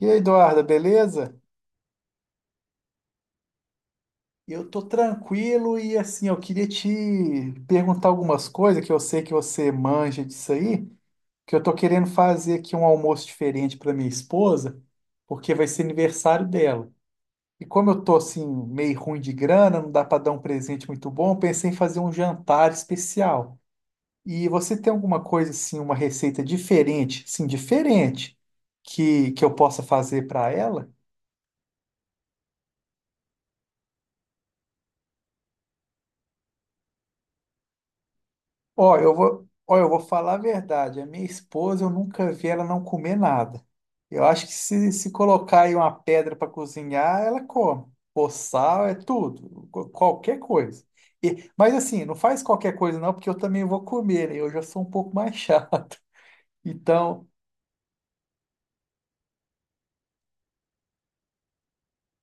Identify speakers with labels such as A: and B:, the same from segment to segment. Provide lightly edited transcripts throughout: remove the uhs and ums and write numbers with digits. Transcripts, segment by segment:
A: E aí, Eduarda, beleza? Eu tô tranquilo e assim, eu queria te perguntar algumas coisas que eu sei que você manja disso aí, que eu tô querendo fazer aqui um almoço diferente para minha esposa, porque vai ser aniversário dela. E como eu tô assim meio ruim de grana, não dá para dar um presente muito bom, eu pensei em fazer um jantar especial. E você tem alguma coisa assim, uma receita diferente, sim, diferente que eu possa fazer para ela? Ó, eu vou falar a verdade. A minha esposa, eu nunca vi ela não comer nada. Eu acho que se colocar aí uma pedra para cozinhar, ela come. Ou sal, é tudo. Qualquer coisa. Mas assim, não faz qualquer coisa não, porque eu também vou comer, né? Eu já sou um pouco mais chato. Então,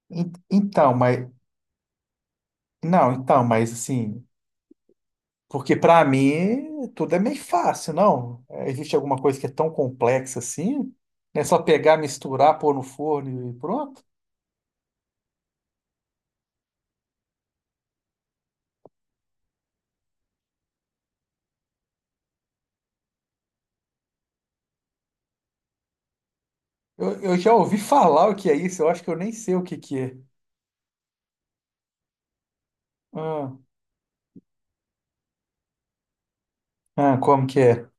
A: então, mas... Não, então, mas assim... Porque para mim, tudo é meio fácil, não? É, existe alguma coisa que é tão complexa assim? É só pegar, misturar, pôr no forno e pronto? Eu já ouvi falar o que é isso, eu acho que eu nem sei o que que é. Ah, ah, como que é?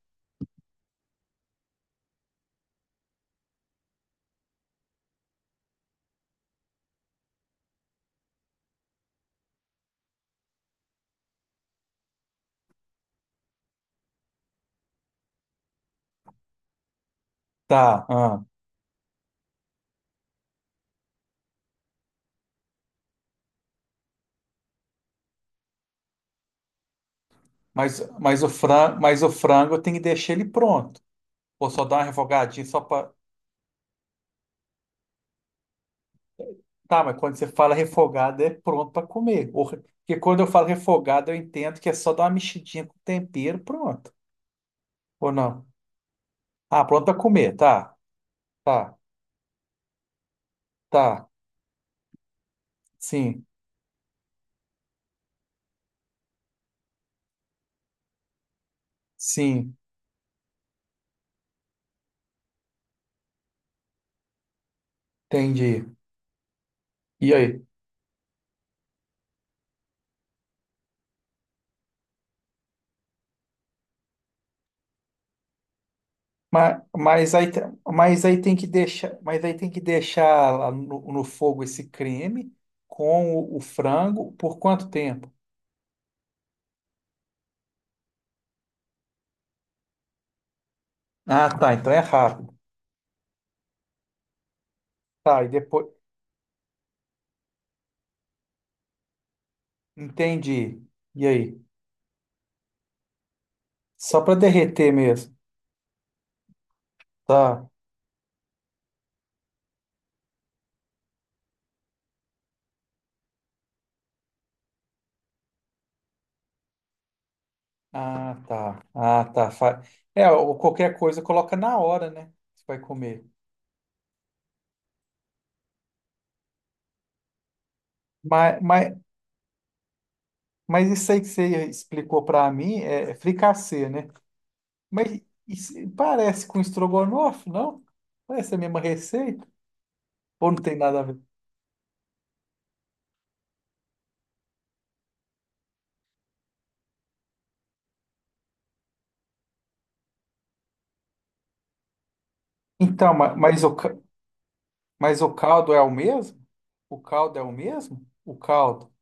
A: Tá, ah. Mas o frango eu tenho que deixar ele pronto. Ou só dar uma refogadinha só pra. Tá, mas quando você fala refogado é pronto pra comer. Porque quando eu falo refogado eu entendo que é só dar uma mexidinha com tempero, pronto. Ou não? Ah, pronto pra comer, tá, tá, tá. Sim, sim, entendi. E aí? Mas, mas aí, te- mas aí tem que deixar lá no fogo esse creme com o frango por quanto tempo? Ah, tá, então é rápido. Tá, e depois entendi. E aí? Só para derreter mesmo. Tá. Ah, tá. Ah, tá. É, ou qualquer coisa coloca na hora, né? Você vai comer. Mas, mas, mas isso aí que você explicou para mim é fricassê, né? Mas isso parece com estrogonofe, não? Parece a mesma receita? Ou não tem nada a ver? Então, mas o caldo é o mesmo? O caldo é o mesmo? O caldo.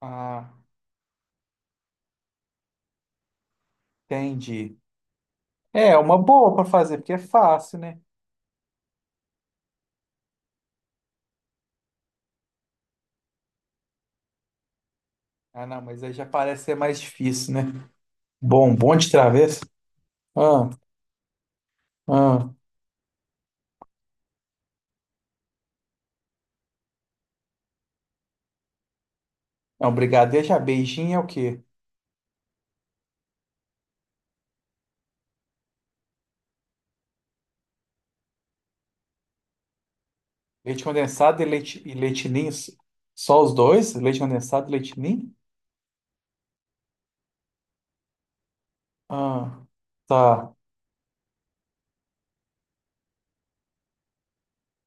A: Ah, entendi. É uma boa para fazer, porque é fácil, né? Ah, não, mas aí já parece ser mais difícil, né? Bom, bom de travessa. Ah, ah. É um brigadeiro, já beijinho é o quê? Leite condensado e leite ninho? Só os dois? Leite condensado e leite ninho? Ah, tá,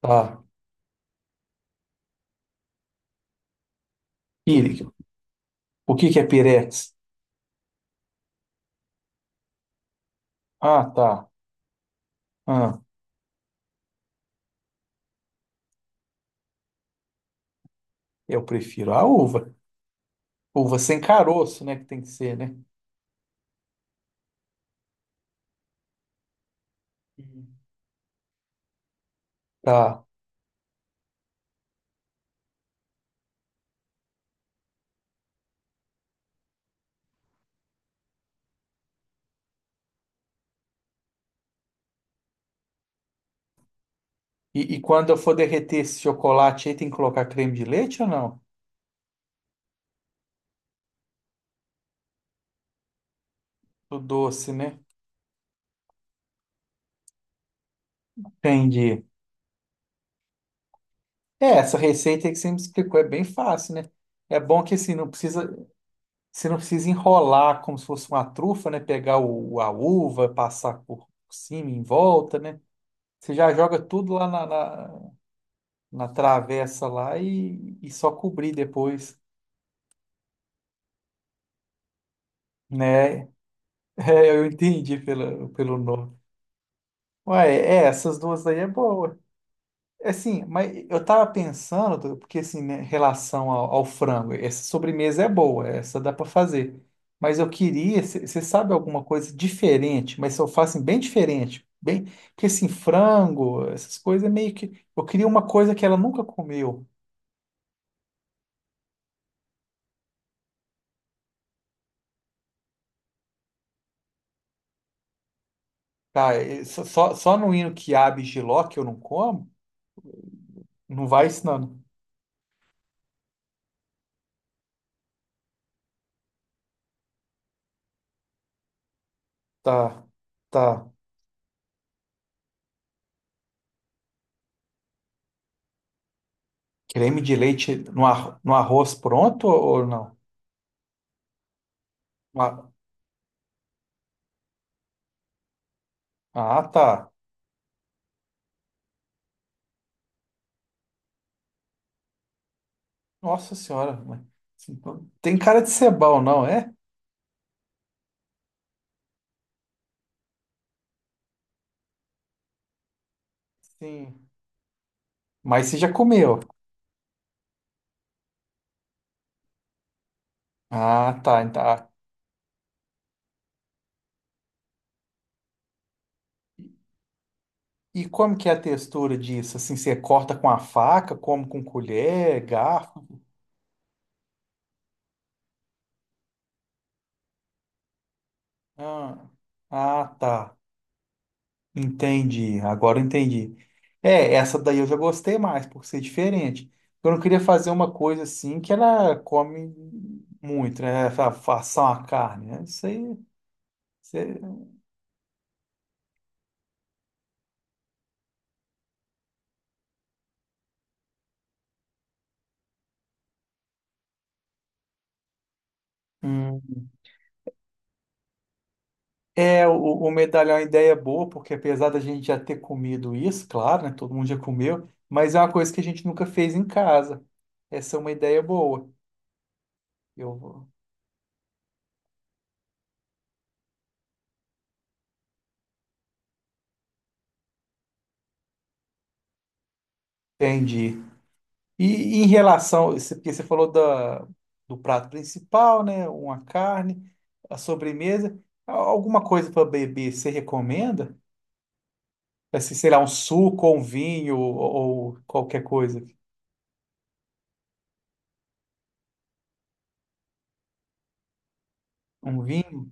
A: tá. Pire. O que que é pirex? Ah, tá. Ah, eu prefiro a uva. Uva sem caroço, né? Que tem que ser, né? Hum. Tá. E quando eu for derreter esse chocolate aí, tem que colocar creme de leite ou não? Do doce, né? Entendi. É, essa receita aí que você me explicou é bem fácil, né? É bom que assim, você não precisa enrolar como se fosse uma trufa, né? Pegar a uva, passar por cima, em volta, né? Você já joga tudo lá na, na travessa lá e só cobrir depois, né? É, eu entendi pelo nome. Ué, é, essas duas aí é boa. É, assim, mas eu tava pensando, Dudu, porque assim, né, em relação ao frango, essa sobremesa é boa, essa dá para fazer. Mas eu queria, você sabe alguma coisa diferente, mas eu faço assim, bem diferente, bem, porque assim, frango, essas coisas é meio que, eu queria uma coisa que ela nunca comeu, tá? E só no hino quiabo e jiló que eu não como. Não vai ensinando. Tá, tá. Creme de leite no arroz pronto ou não? Ah, ah, tá. Nossa Senhora. Tem cara de ser bom, não é? Sim. Mas você já comeu. Ah, tá. Então, ah. E como que é a textura disso? Assim, você corta com a faca, come com colher, garfo? Ah, ah, tá. Entendi, agora eu entendi. É, essa daí eu já gostei mais, por ser diferente. Eu não queria fazer uma coisa assim que ela come muito, né? Façam a carne, né? Isso aí. isso aí- Hum. É, o medalhão é uma ideia boa, porque apesar da gente já ter comido isso, claro, né? Todo mundo já comeu, mas é uma coisa que a gente nunca fez em casa. Essa é uma ideia boa. Eu entendi. E em relação, porque você falou do prato principal, né? Uma carne, a sobremesa. Alguma coisa para beber, você recomenda? Assim, sei lá, um suco ou um vinho ou qualquer coisa. Um vinho?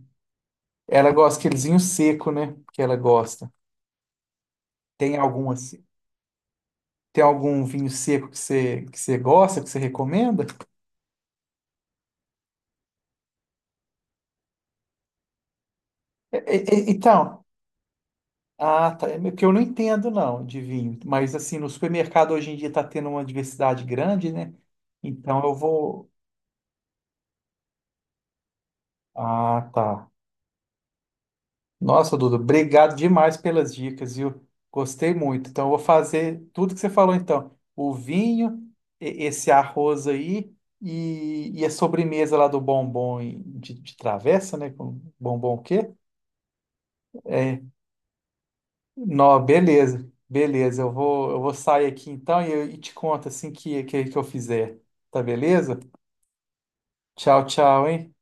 A: Ela gosta aquele vinho seco, né? Que ela gosta. Tem algum assim? Tem algum vinho seco que você gosta, que você recomenda? Então, ah, tá. É que eu não entendo, não, de vinho. Mas, assim, no supermercado hoje em dia está tendo uma diversidade grande, né? Então eu vou. Ah, tá. Nossa, Duda, obrigado demais pelas dicas, viu? Gostei muito. Então eu vou fazer tudo que você falou, então. O vinho, esse arroz aí e a sobremesa lá do bombom de travessa, né? Com bombom o quê? É, não, beleza, beleza. Eu vou sair aqui então e te conto assim que eu fizer. Tá beleza? Tchau, tchau, hein?